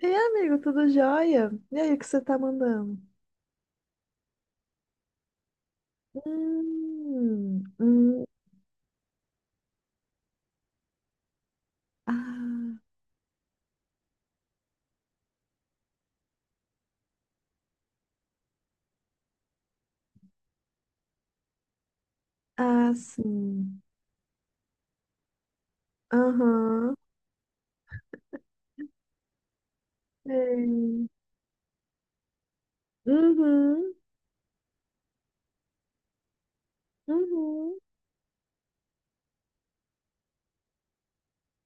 E aí, amigo, tudo jóia? E aí, o que você tá mandando? Hum, hum, ah, ah, sim. Aham. Sei. Uhum, uhum.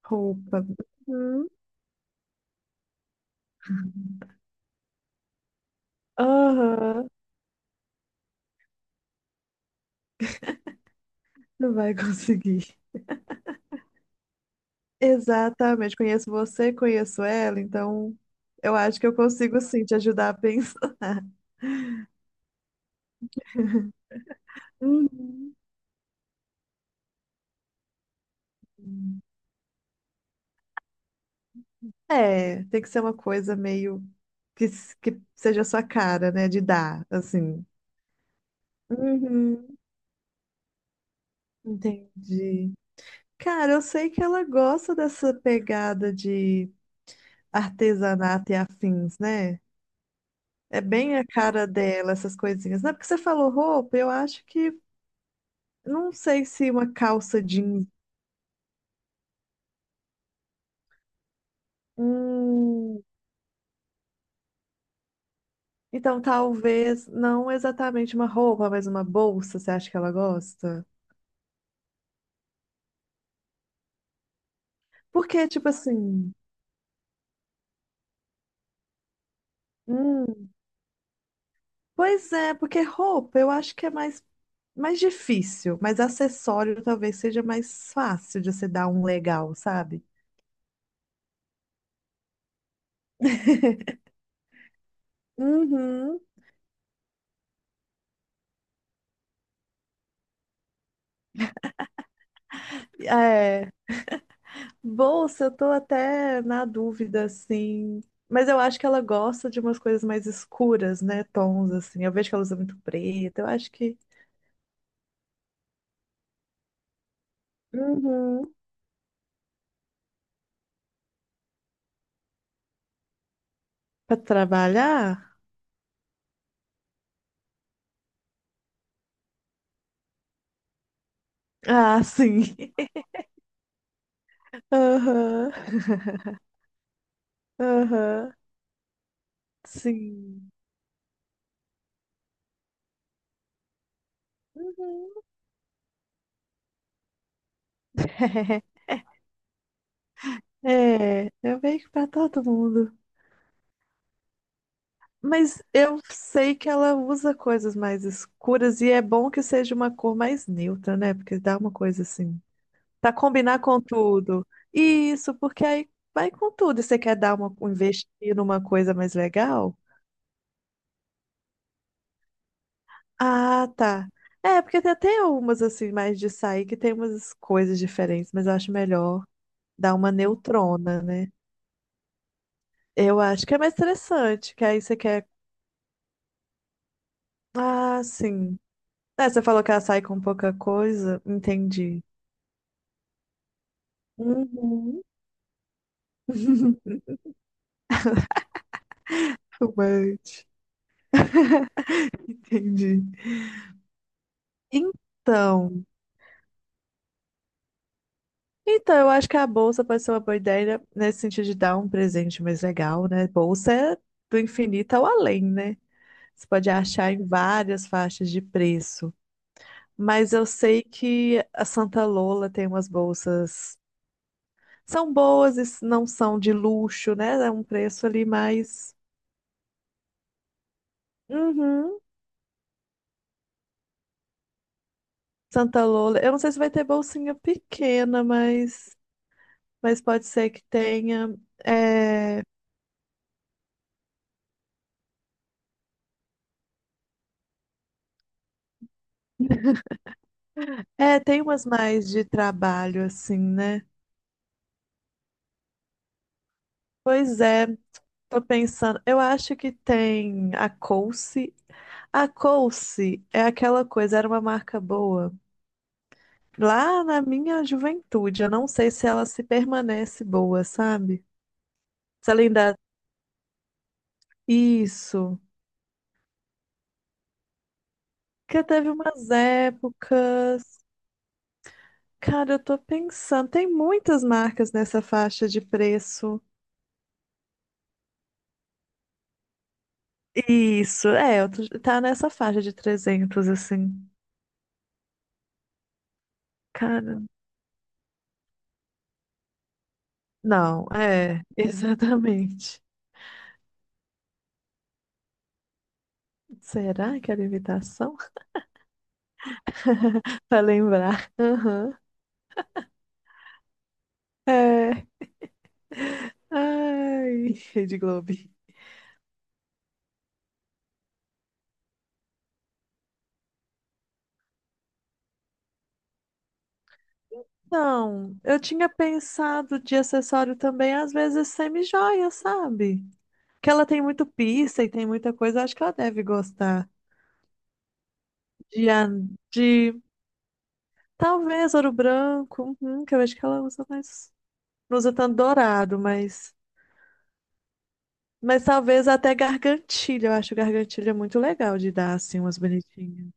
Roupa. Uhum. Aham. Não vai conseguir. Exatamente. Conheço você, conheço ela, então eu acho que eu consigo sim te ajudar a pensar. Uhum. É, tem que ser uma coisa meio que, que seja a sua cara, né? De dar, assim. Uhum, entendi. Cara, eu sei que ela gosta dessa pegada de artesanato e afins, né? É bem a cara dela, essas coisinhas. Não é porque você falou roupa, eu acho que não sei se uma calça jeans. Hum, então talvez não exatamente uma roupa, mas uma bolsa, você acha que ela gosta? Porque, tipo assim. Hum, pois é, porque roupa eu acho que é mais, mais difícil, mas acessório talvez seja mais fácil de se dar um legal, sabe? Uhum. É. Bolsa, eu tô até na dúvida, assim. Mas eu acho que ela gosta de umas coisas mais escuras, né? Tons, assim. Eu vejo que ela usa muito preto. Eu acho que. Uhum. Pra trabalhar? Ah, sim. Aham. Aham. Sim. Uhum. É, eu meio que pra todo mundo. Mas eu sei que ela usa coisas mais escuras e é bom que seja uma cor mais neutra, né? Porque dá uma coisa assim. Pra combinar com tudo. Isso, porque aí vai com tudo. E você quer dar uma, investir numa coisa mais legal? Ah, tá. É, porque tem até umas assim, mais de sair, que tem umas coisas diferentes, mas eu acho melhor dar uma neutrona, né? Eu acho que é mais interessante, que aí você quer. Ah, sim. É, você falou que ela sai com pouca coisa. Entendi. Uhum. Fumante. Entendi. Então, então, eu acho que a bolsa pode ser uma boa ideia nesse sentido de dar um presente mais legal, né? Bolsa é do infinito ao além, né? Você pode achar em várias faixas de preço. Mas eu sei que a Santa Lola tem umas bolsas. São boas e não são de luxo, né? É um preço ali mais. Uhum. Santa Lola. Eu não sei se vai ter bolsinha pequena, mas pode ser que tenha. É, é, tem umas mais de trabalho, assim, né? Pois é, tô pensando. Eu acho que tem a Coace. A Coace é aquela coisa, era uma marca boa. Lá na minha juventude, eu não sei se ela se permanece boa, sabe? Se ela ainda. Isso. Porque teve umas épocas. Cara, eu tô pensando, tem muitas marcas nessa faixa de preço. Isso, é, tá nessa faixa de 300 assim. Cara, não, é, exatamente. Será que era imitação? Pra lembrar. Aham. É. Ai, Rede Globo. Então, eu tinha pensado de acessório também, às vezes semi-joia, sabe? Que ela tem muito pista e tem muita coisa, acho que ela deve gostar. De talvez ouro branco, uhum, que eu acho que ela usa mais. Não usa tanto dourado, mas. Mas talvez até gargantilha. Eu acho gargantilha muito legal de dar, assim, umas bonitinhas.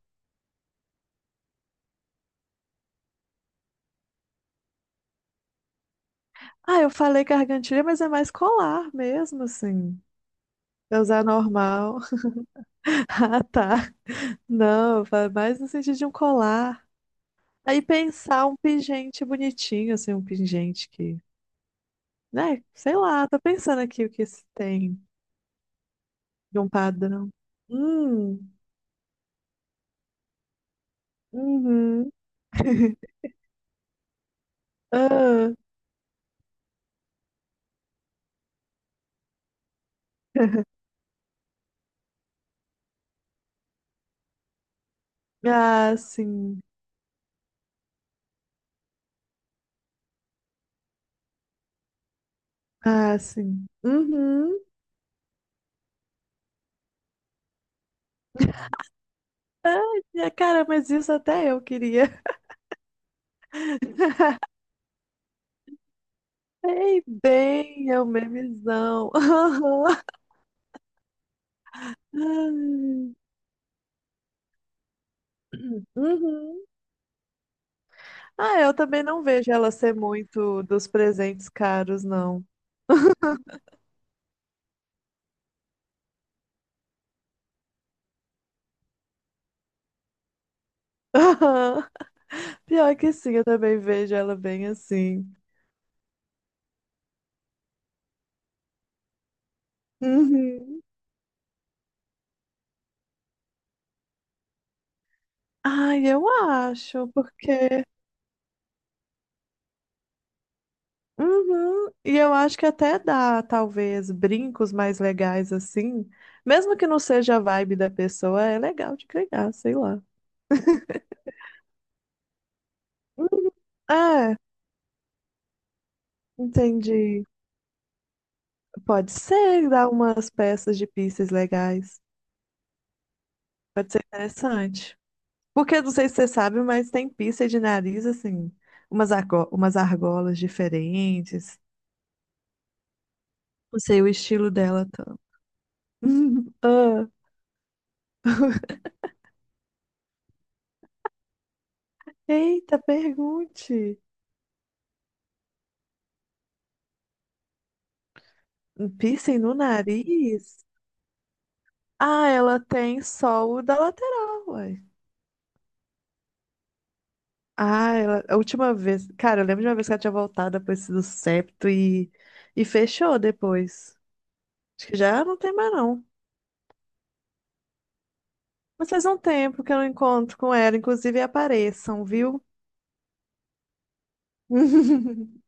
Ah, eu falei gargantilha, mas é mais colar mesmo, assim. É usar normal. Ah, tá. Não, eu falo mais no sentido de um colar. Aí pensar um pingente bonitinho, assim, um pingente que. Né? Sei lá, tô pensando aqui o que se tem de um padrão. Hum, uhum. Ah. Ah, sim. Ah, sim. Uhum. Ai, minha cara, mas isso até eu queria. Ei, bem, é o memezão. Aham. Ai. Uhum. Ah, eu também não vejo ela ser muito dos presentes caros, não. Aham. Pior que sim, eu também vejo ela bem assim. Uhum. Ai, eu acho, porque uhum. E eu acho que até dá, talvez, brincos mais legais assim. Mesmo que não seja a vibe da pessoa, é legal de criar, sei lá. Uhum. É, entendi. Pode ser dar umas peças de pieces legais. Pode ser interessante. Porque não sei se você sabe, mas tem pieces de nariz, assim, umas argolas diferentes. Não sei o estilo dela tanto. Ah, eita, pergunte. Um piercing no nariz? Ah, ela tem só o da lateral, ué. Ah, ela... a última vez. Cara, eu lembro de uma vez que ela tinha voltado depois do septo e fechou depois. Acho que já não tem mais, não. Mas faz um tempo que eu não encontro com ela, inclusive apareçam, viu?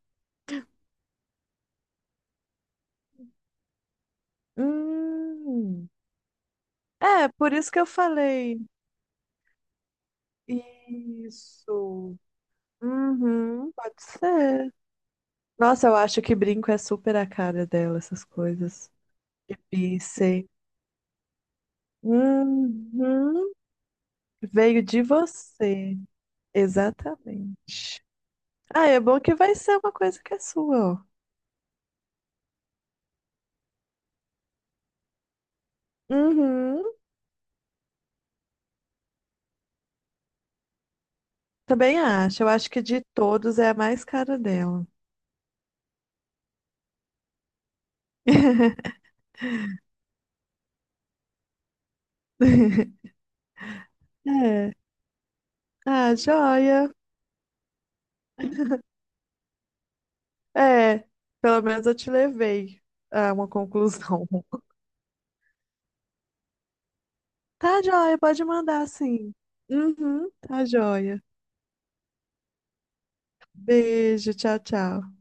Hum. É, por isso que eu falei. Isso. Uhum, pode ser. Nossa, eu acho que brinco é super a cara dela, essas coisas. Difícil. Uhum. Veio de você. Exatamente. Ah, é bom que vai ser uma coisa que é sua, ó. Uhum. Também acho. Eu acho que de todos é a mais cara dela. É. Ah, joia. É, pelo menos eu te levei a uma conclusão. Tá, joia, pode mandar sim. Uhum, tá, joia. Beijo, tchau, tchau.